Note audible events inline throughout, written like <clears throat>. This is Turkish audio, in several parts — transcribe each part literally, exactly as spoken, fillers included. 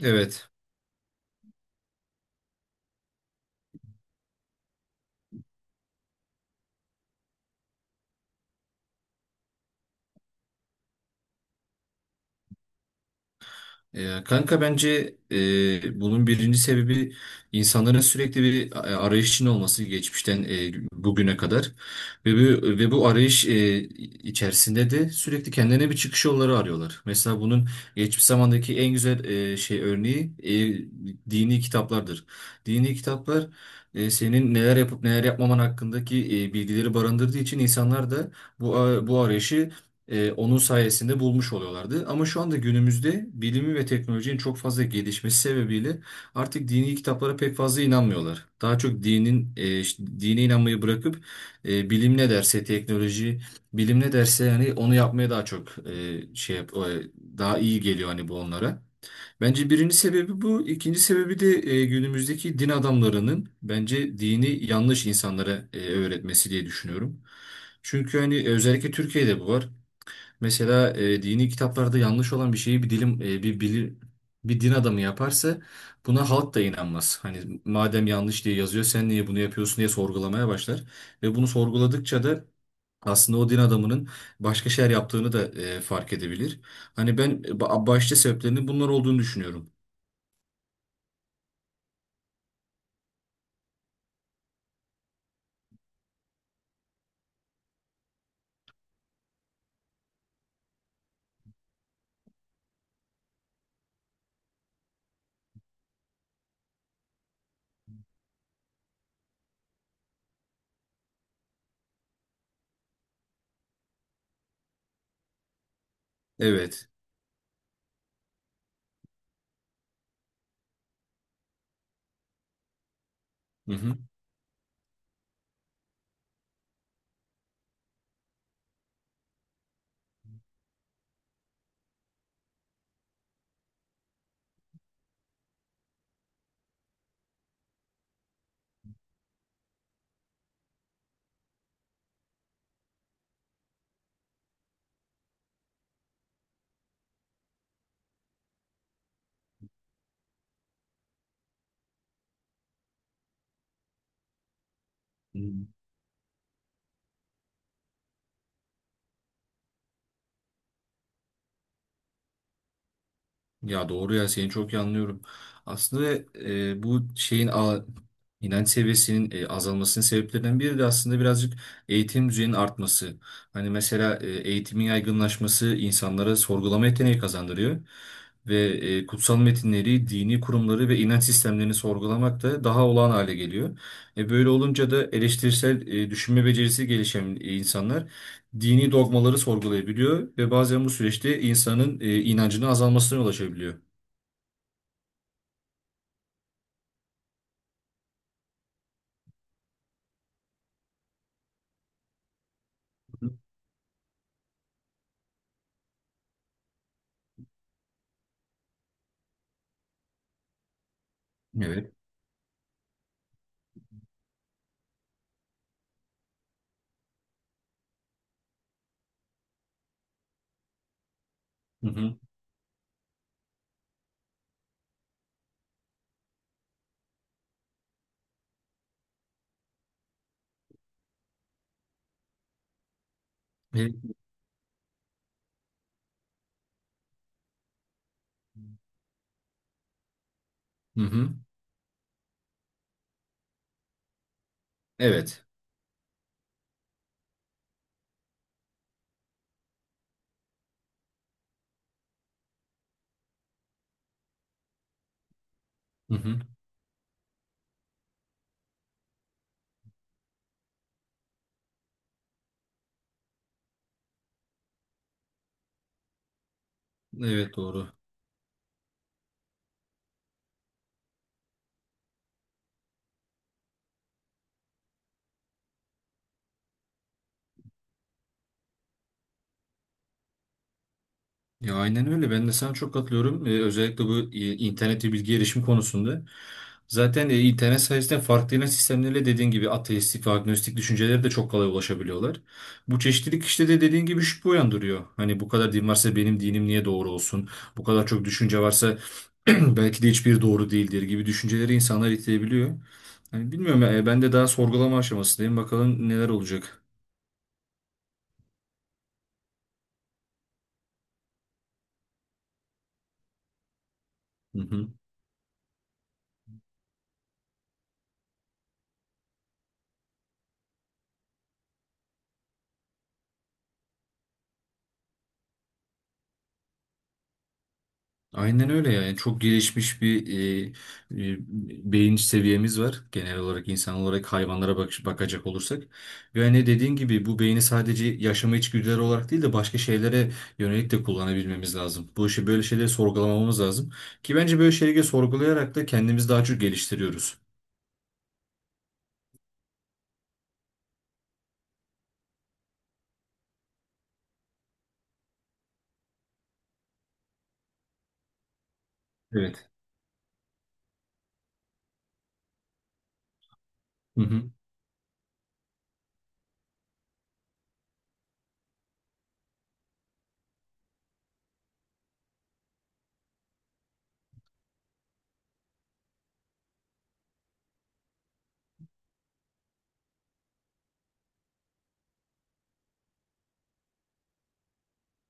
Evet. Ee, kanka bence e, bunun birinci sebebi insanların sürekli bir e, arayış içinde olması geçmişten e, bugüne kadar ve bu, ve bu arayış e, içerisinde de sürekli kendilerine bir çıkış yolları arıyorlar. Mesela bunun geçmiş zamandaki en güzel e, şey örneği e, dini kitaplardır. Dini kitaplar, e, senin neler yapıp neler yapmaman hakkındaki e, bilgileri barındırdığı için insanlar da bu a- bu arayışı, E, onun sayesinde bulmuş oluyorlardı. Ama şu anda günümüzde bilimi ve teknolojinin çok fazla gelişmesi sebebiyle artık dini kitaplara pek fazla inanmıyorlar. Daha çok dinin e, işte dine inanmayı bırakıp e, bilim ne derse teknoloji, bilim ne derse yani onu yapmaya daha çok e, şey yap- e, daha iyi geliyor hani bu onlara. Bence birinci sebebi bu. İkinci sebebi de e, günümüzdeki din adamlarının bence dini yanlış insanlara e, öğretmesi diye düşünüyorum. Çünkü hani özellikle Türkiye'de bu var. Mesela e, dini kitaplarda yanlış olan bir şeyi bir dilim e, bir bilir bir din adamı yaparsa buna halk da inanmaz. Hani madem yanlış diye yazıyor sen niye bunu yapıyorsun diye sorgulamaya başlar. Ve bunu sorguladıkça da aslında o din adamının başka şeyler yaptığını da e, fark edebilir. Hani ben ba- başta sebeplerinin bunlar olduğunu düşünüyorum. Evet. Hı hı. Ya doğru, ya seni çok iyi anlıyorum. Aslında e, bu şeyin a, inanç seviyesinin e, azalmasının sebeplerinden biri de aslında birazcık eğitim düzeyinin artması. Hani mesela e, eğitimin yaygınlaşması insanlara sorgulama yeteneği kazandırıyor. Ve e, kutsal metinleri, dini kurumları ve inanç sistemlerini sorgulamak da daha olağan hale geliyor. E, böyle olunca da eleştirisel e, düşünme becerisi gelişen e, insanlar dini dogmaları sorgulayabiliyor ve bazen bu süreçte insanın e, inancının azalmasına yol açabiliyor. Hı. Evet. Hı hı. Evet. Hı hı. Evet. Hı hı. Evet, doğru. Ya aynen öyle. Ben de sana çok katılıyorum. Ee, özellikle bu e, internet ve bilgi erişim konusunda. Zaten e, internet sayesinde farklı inanç sistemleriyle dediğin gibi ateistik ve agnostik düşüncelere de çok kolay ulaşabiliyorlar. Bu çeşitlilik işte de dediğin gibi şüphe uyandırıyor. Hani bu kadar din varsa benim dinim niye doğru olsun? Bu kadar çok düşünce varsa <clears throat> belki de hiçbir doğru değildir gibi düşünceleri insanlar itebiliyor. Hani bilmiyorum, e, ben de daha sorgulama aşamasındayım. Bakalım neler olacak. Hı hı. Aynen öyle, yani çok gelişmiş bir e, e, beyin seviyemiz var genel olarak insan olarak, hayvanlara bak bakacak olursak. Ve hani dediğin gibi bu beyni sadece yaşama içgüdüleri olarak değil de başka şeylere yönelik de kullanabilmemiz lazım. Bu işi böyle şeyleri sorgulamamız lazım ki bence böyle şeyleri sorgulayarak da kendimizi daha çok geliştiriyoruz. Evet. Hı hı.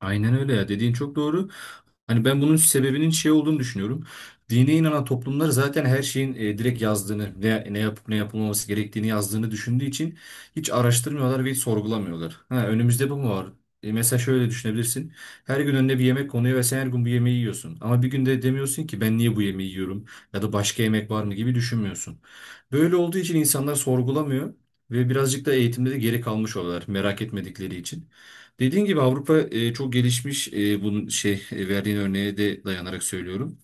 Aynen öyle ya, dediğin çok doğru. Hani ben bunun sebebinin şey olduğunu düşünüyorum. Dine inanan toplumlar zaten her şeyin e, direkt yazdığını, ne, ne yapıp ne yapılmaması gerektiğini yazdığını düşündüğü için hiç araştırmıyorlar ve hiç sorgulamıyorlar. Ha, önümüzde bu mu var? E, mesela şöyle düşünebilirsin. Her gün önüne bir yemek konuyor ve sen her gün bu yemeği yiyorsun. Ama bir günde demiyorsun ki ben niye bu yemeği yiyorum ya da başka yemek var mı gibi düşünmüyorsun. Böyle olduğu için insanlar sorgulamıyor ve birazcık da eğitimde de geri kalmış oluyorlar merak etmedikleri için. Dediğin gibi Avrupa e, çok gelişmiş. E, bunun şey e, verdiğin örneğe de dayanarak söylüyorum.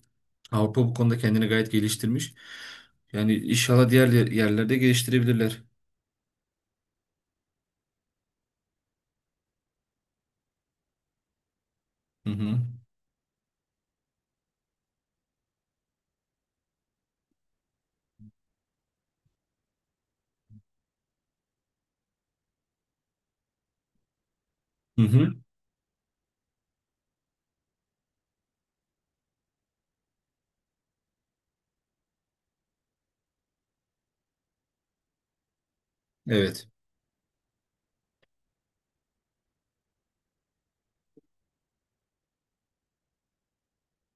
Avrupa bu konuda kendini gayet geliştirmiş. Yani inşallah diğer yer- yerlerde geliştirebilirler. Hı hı. Hı hı. Evet.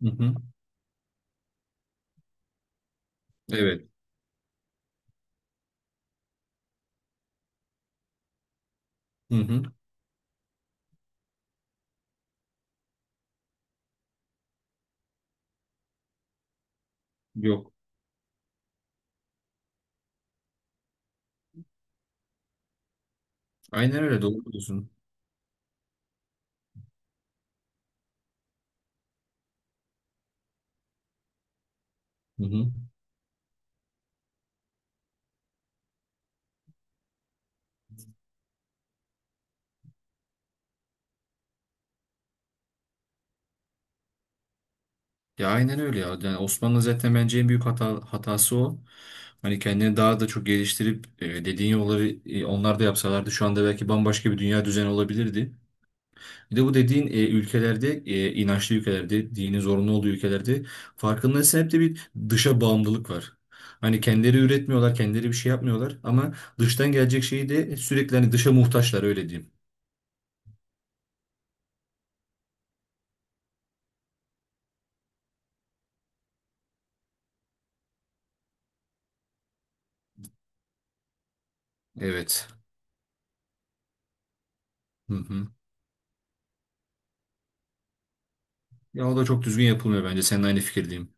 Hı hı. Evet. Hı hı. Yok. Aynen öyle, doğru diyorsun. Hı hı. Ya aynen öyle ya. Yani Osmanlı zaten bence en büyük hata hatası o. Hani kendini daha da çok geliştirip e, dediğin yolları e, onlar da yapsalardı şu anda belki bambaşka bir dünya düzeni olabilirdi. Bir de bu dediğin e, ülkelerde, e, inançlı ülkelerde, dini zorunlu olduğu ülkelerde farkındaysan hep de bir dışa bağımlılık var. Hani kendileri üretmiyorlar, kendileri bir şey yapmıyorlar ama dıştan gelecek şeyi de sürekli hani dışa muhtaçlar, öyle diyeyim. Evet. Hı hı. Ya o da çok düzgün yapılmıyor bence. Seninle aynı fikirdeyim.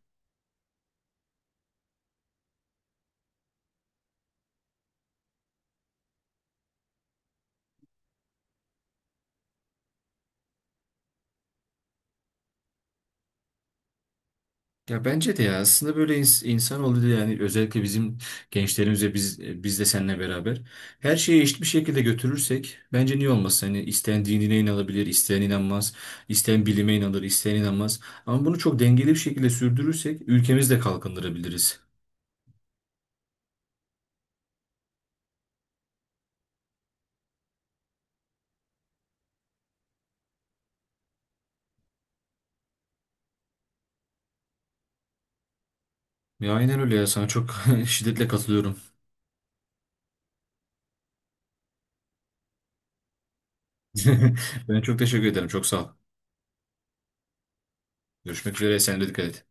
Ya bence de, ya aslında böyle ins insan oldu yani, özellikle bizim gençlerimize biz biz de seninle beraber her şeyi eşit bir şekilde götürürsek bence niye olmasın? Hani isteyen dinine inanabilir, isteyen inanmaz, isteyen bilime inanır, isteyen inanmaz. Ama bunu çok dengeli bir şekilde sürdürürsek ülkemizi de kalkındırabiliriz. Ya aynen öyle ya, sana çok <laughs> şiddetle katılıyorum. <laughs> Ben çok teşekkür ederim. Çok sağ ol. Görüşmek üzere. Sen de dikkat et.